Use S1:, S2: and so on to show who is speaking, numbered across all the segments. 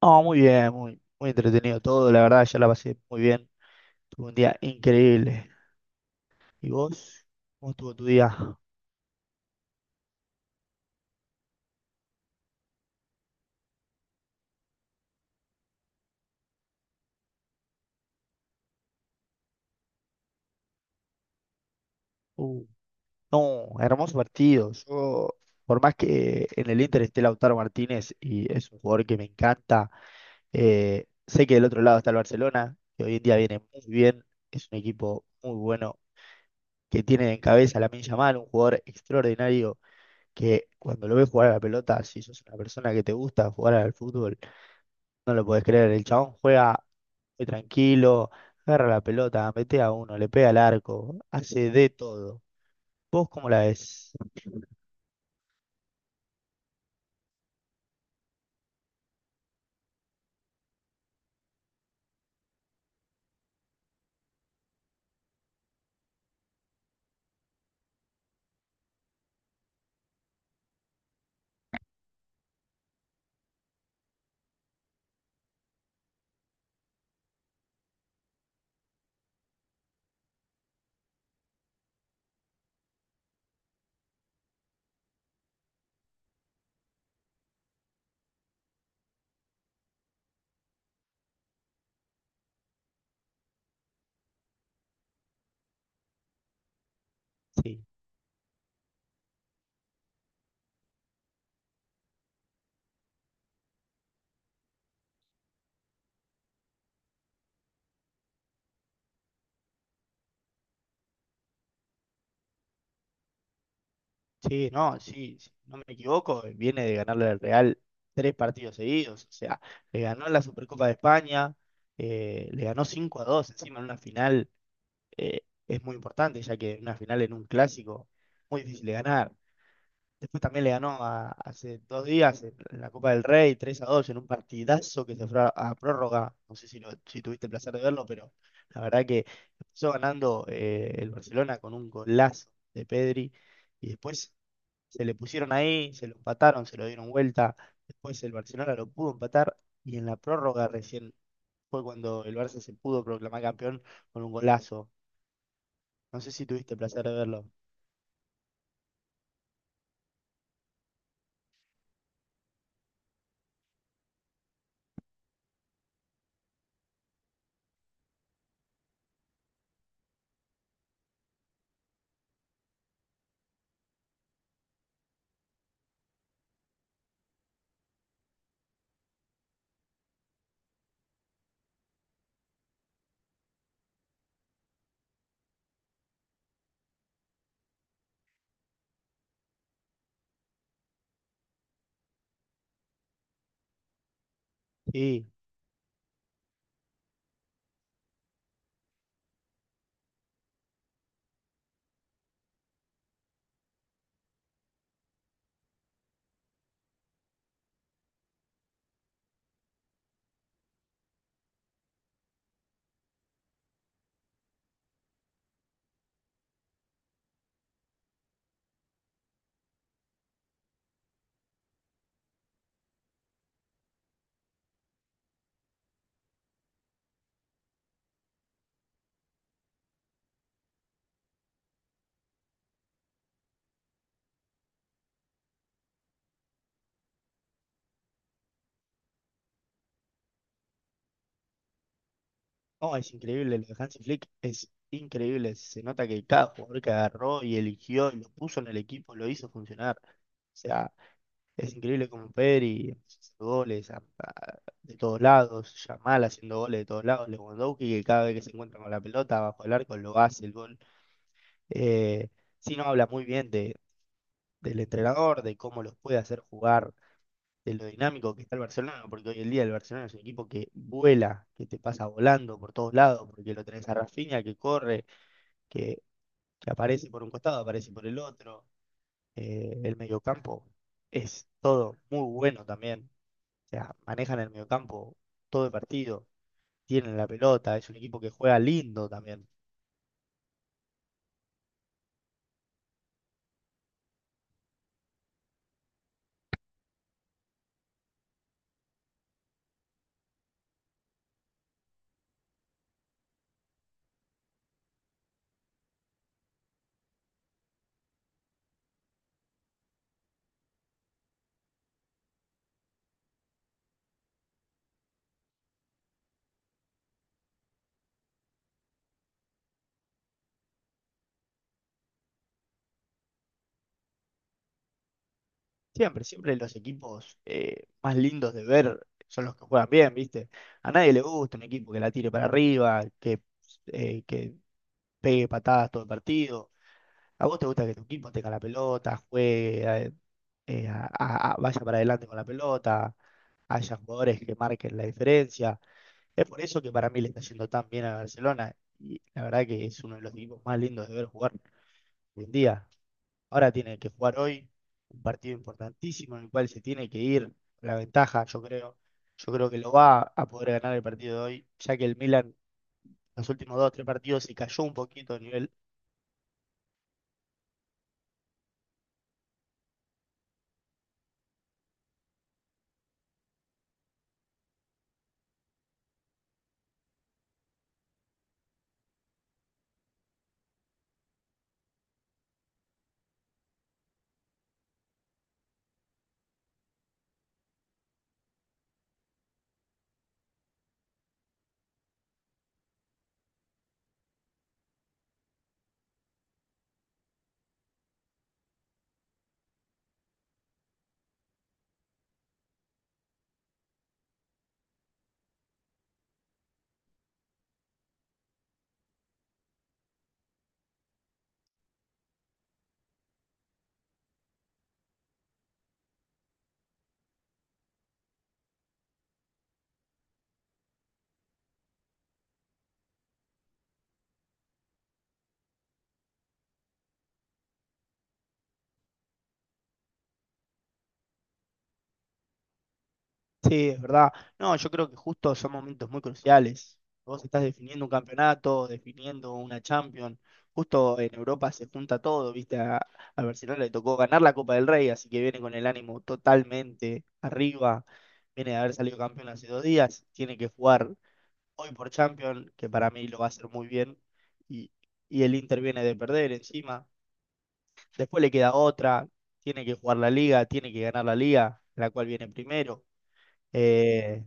S1: No, muy bien, muy entretenido todo, la verdad, ya la pasé muy bien. Tuve un día increíble. ¿Y vos? ¿Cómo estuvo tu día? Uh, no, hermoso partido. Yo, por más que en el Inter esté Lautaro Martínez y es un jugador que me encanta, sé que del otro lado está el Barcelona, que hoy en día viene muy bien, es un equipo muy bueno, que tiene en cabeza a Lamine Yamal, un jugador extraordinario que cuando lo ves jugar a la pelota, si sos una persona que te gusta jugar al fútbol, no lo puedes creer. El chabón juega muy tranquilo, agarra la pelota, mete a uno, le pega al arco, hace de todo. ¿Vos cómo la ves? Sí, sí, no, sí, sí, no me equivoco, viene de ganarle al Real tres partidos seguidos, o sea, le ganó la Supercopa de España, le ganó 5 a 2 encima en una final, eh, es muy importante, ya que una final en un clásico, muy difícil de ganar. Después también hace dos días en la Copa del Rey 3 a 2 en un partidazo que se fue a prórroga. No sé si, si tuviste el placer de verlo, pero la verdad que empezó ganando el Barcelona con un golazo de Pedri y después se le pusieron ahí, se lo empataron, se lo dieron vuelta. Después el Barcelona lo pudo empatar y en la prórroga recién fue cuando el Barça se pudo proclamar campeón con un golazo. No sé si tuviste el placer de verlo. Sí. No, es increíble, lo de Hansi Flick es increíble. Se nota que cada jugador que agarró y eligió y lo puso en el equipo lo hizo funcionar. O sea, es increíble como Pedri haciendo goles de todos lados, Yamal haciendo goles de todos lados, Lewandowski que cada vez que se encuentra con la pelota bajo el arco lo hace el gol. Eh, sí, no habla muy bien de, del entrenador, de cómo los puede hacer jugar, de lo dinámico que está el Barcelona, porque hoy en día el Barcelona es un equipo que vuela, que te pasa volando por todos lados, porque lo tenés a Rafinha que corre, que, que aparece por un costado, aparece por el otro, el mediocampo es todo muy bueno también, o sea, manejan el mediocampo todo el partido, tienen la pelota, es un equipo que juega lindo también. Siempre, siempre los equipos más lindos de ver son los que juegan bien, ¿viste? A nadie le gusta un equipo que la tire para arriba, que pegue patadas todo el partido. ¿A vos te gusta que tu equipo tenga la pelota, juegue, vaya para adelante con la pelota, haya jugadores que marquen la diferencia? Es por eso que para mí le está yendo tan bien a Barcelona, y la verdad que es uno de los equipos más lindos de ver jugar hoy en día. Ahora tiene que jugar hoy un partido importantísimo en el cual se tiene que ir la ventaja, yo creo. Yo creo que lo va a poder ganar el partido de hoy, ya que el Milan los últimos dos o tres partidos se cayó un poquito a nivel. Sí, es verdad. No, yo creo que justo son momentos muy cruciales. Vos estás definiendo un campeonato, definiendo una Champions. Justo en Europa se junta todo, ¿viste? A Barcelona le tocó ganar la Copa del Rey, así que viene con el ánimo totalmente arriba. Viene de haber salido campeón hace dos días. Tiene que jugar hoy por Champions, que para mí lo va a hacer muy bien. Y, y el Inter viene de perder encima. Después le queda otra. Tiene que jugar la Liga, tiene que ganar la Liga, la cual viene primero. Eh,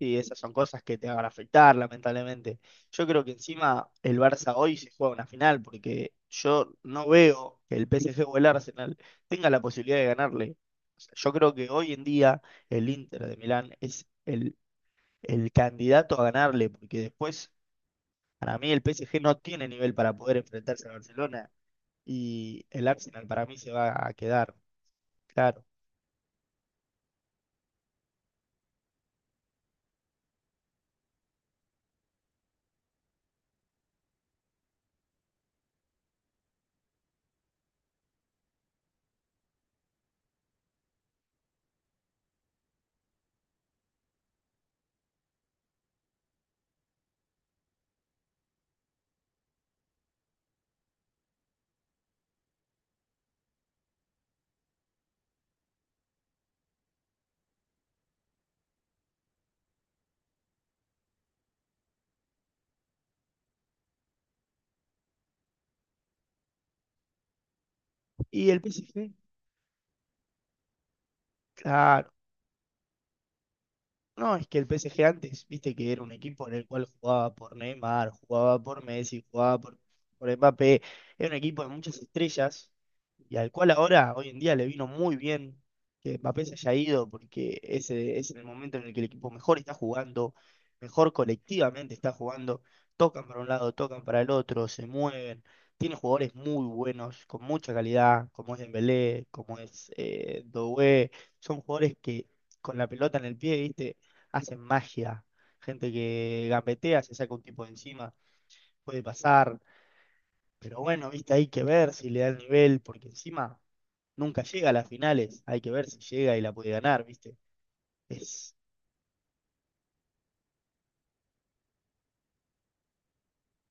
S1: Sí, esas son cosas que te van a afectar, lamentablemente. Yo creo que encima el Barça hoy se juega una final, porque yo no veo que el PSG o el Arsenal tenga la posibilidad de ganarle. O sea, yo creo que hoy en día el Inter de Milán es el candidato a ganarle, porque después, para mí, el PSG no tiene nivel para poder enfrentarse al Barcelona y el Arsenal para mí se va a quedar, claro. Y el PSG, claro. No, es que el PSG antes, viste que era un equipo en el cual jugaba por Neymar, jugaba por Messi, jugaba por Mbappé, era un equipo de muchas estrellas y al cual ahora, hoy en día, le vino muy bien que Mbappé se haya ido, porque ese es el momento en el que el equipo mejor está jugando, mejor colectivamente está jugando, tocan para un lado, tocan para el otro, se mueven, tiene jugadores muy buenos, con mucha calidad, como es Dembélé, como es Doué, son jugadores que con la pelota en el pie, ¿viste?, hacen magia, gente que gambetea, se saca un tipo de encima, puede pasar, pero bueno, viste, hay que ver si le da el nivel, porque encima nunca llega a las finales, hay que ver si llega y la puede ganar, viste, es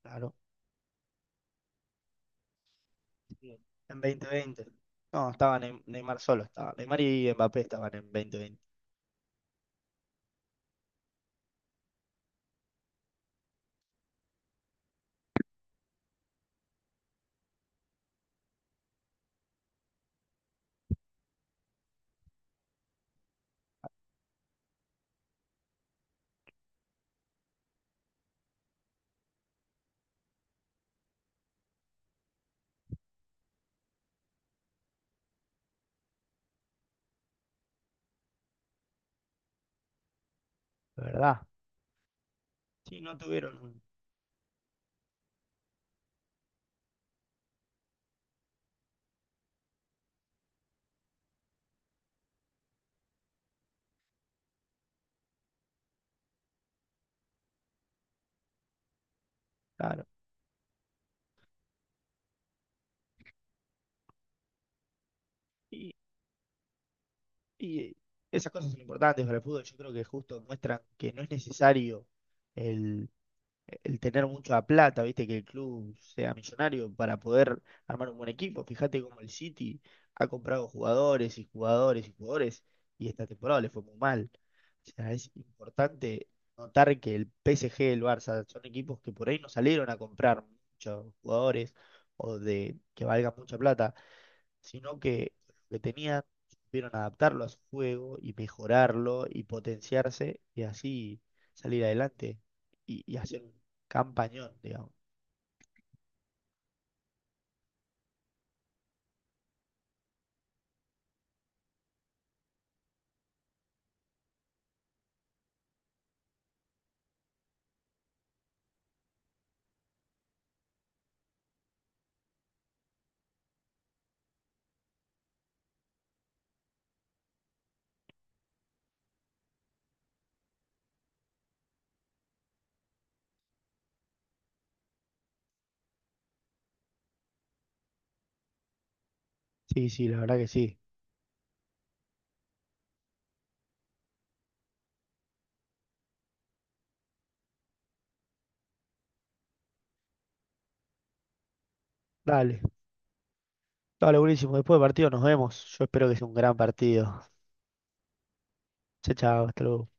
S1: claro, en 2020. No, estaban en Neymar solo, estaba. Neymar y Mbappé estaban en 2020, de verdad. Sí, no tuvieron un- Claro. Y, y esas cosas son importantes para el fútbol. Yo creo que justo muestran que no es necesario el, el tener mucha plata, viste, que el club sea millonario para poder armar un buen equipo. Fíjate cómo el City ha comprado jugadores y jugadores y jugadores y esta temporada le fue muy mal. O sea, es importante notar que el PSG, el Barça, son equipos que por ahí no salieron a comprar muchos jugadores o de que valgan mucha plata, sino que lo que tenían, supieron adaptarlo a su juego y mejorarlo y potenciarse y así salir adelante y hacer un campañón, digamos. Sí, sí, la verdad que sí. Dale, dale, buenísimo. Después del partido nos vemos. Yo espero que sea un gran partido. Chao, chao, hasta luego.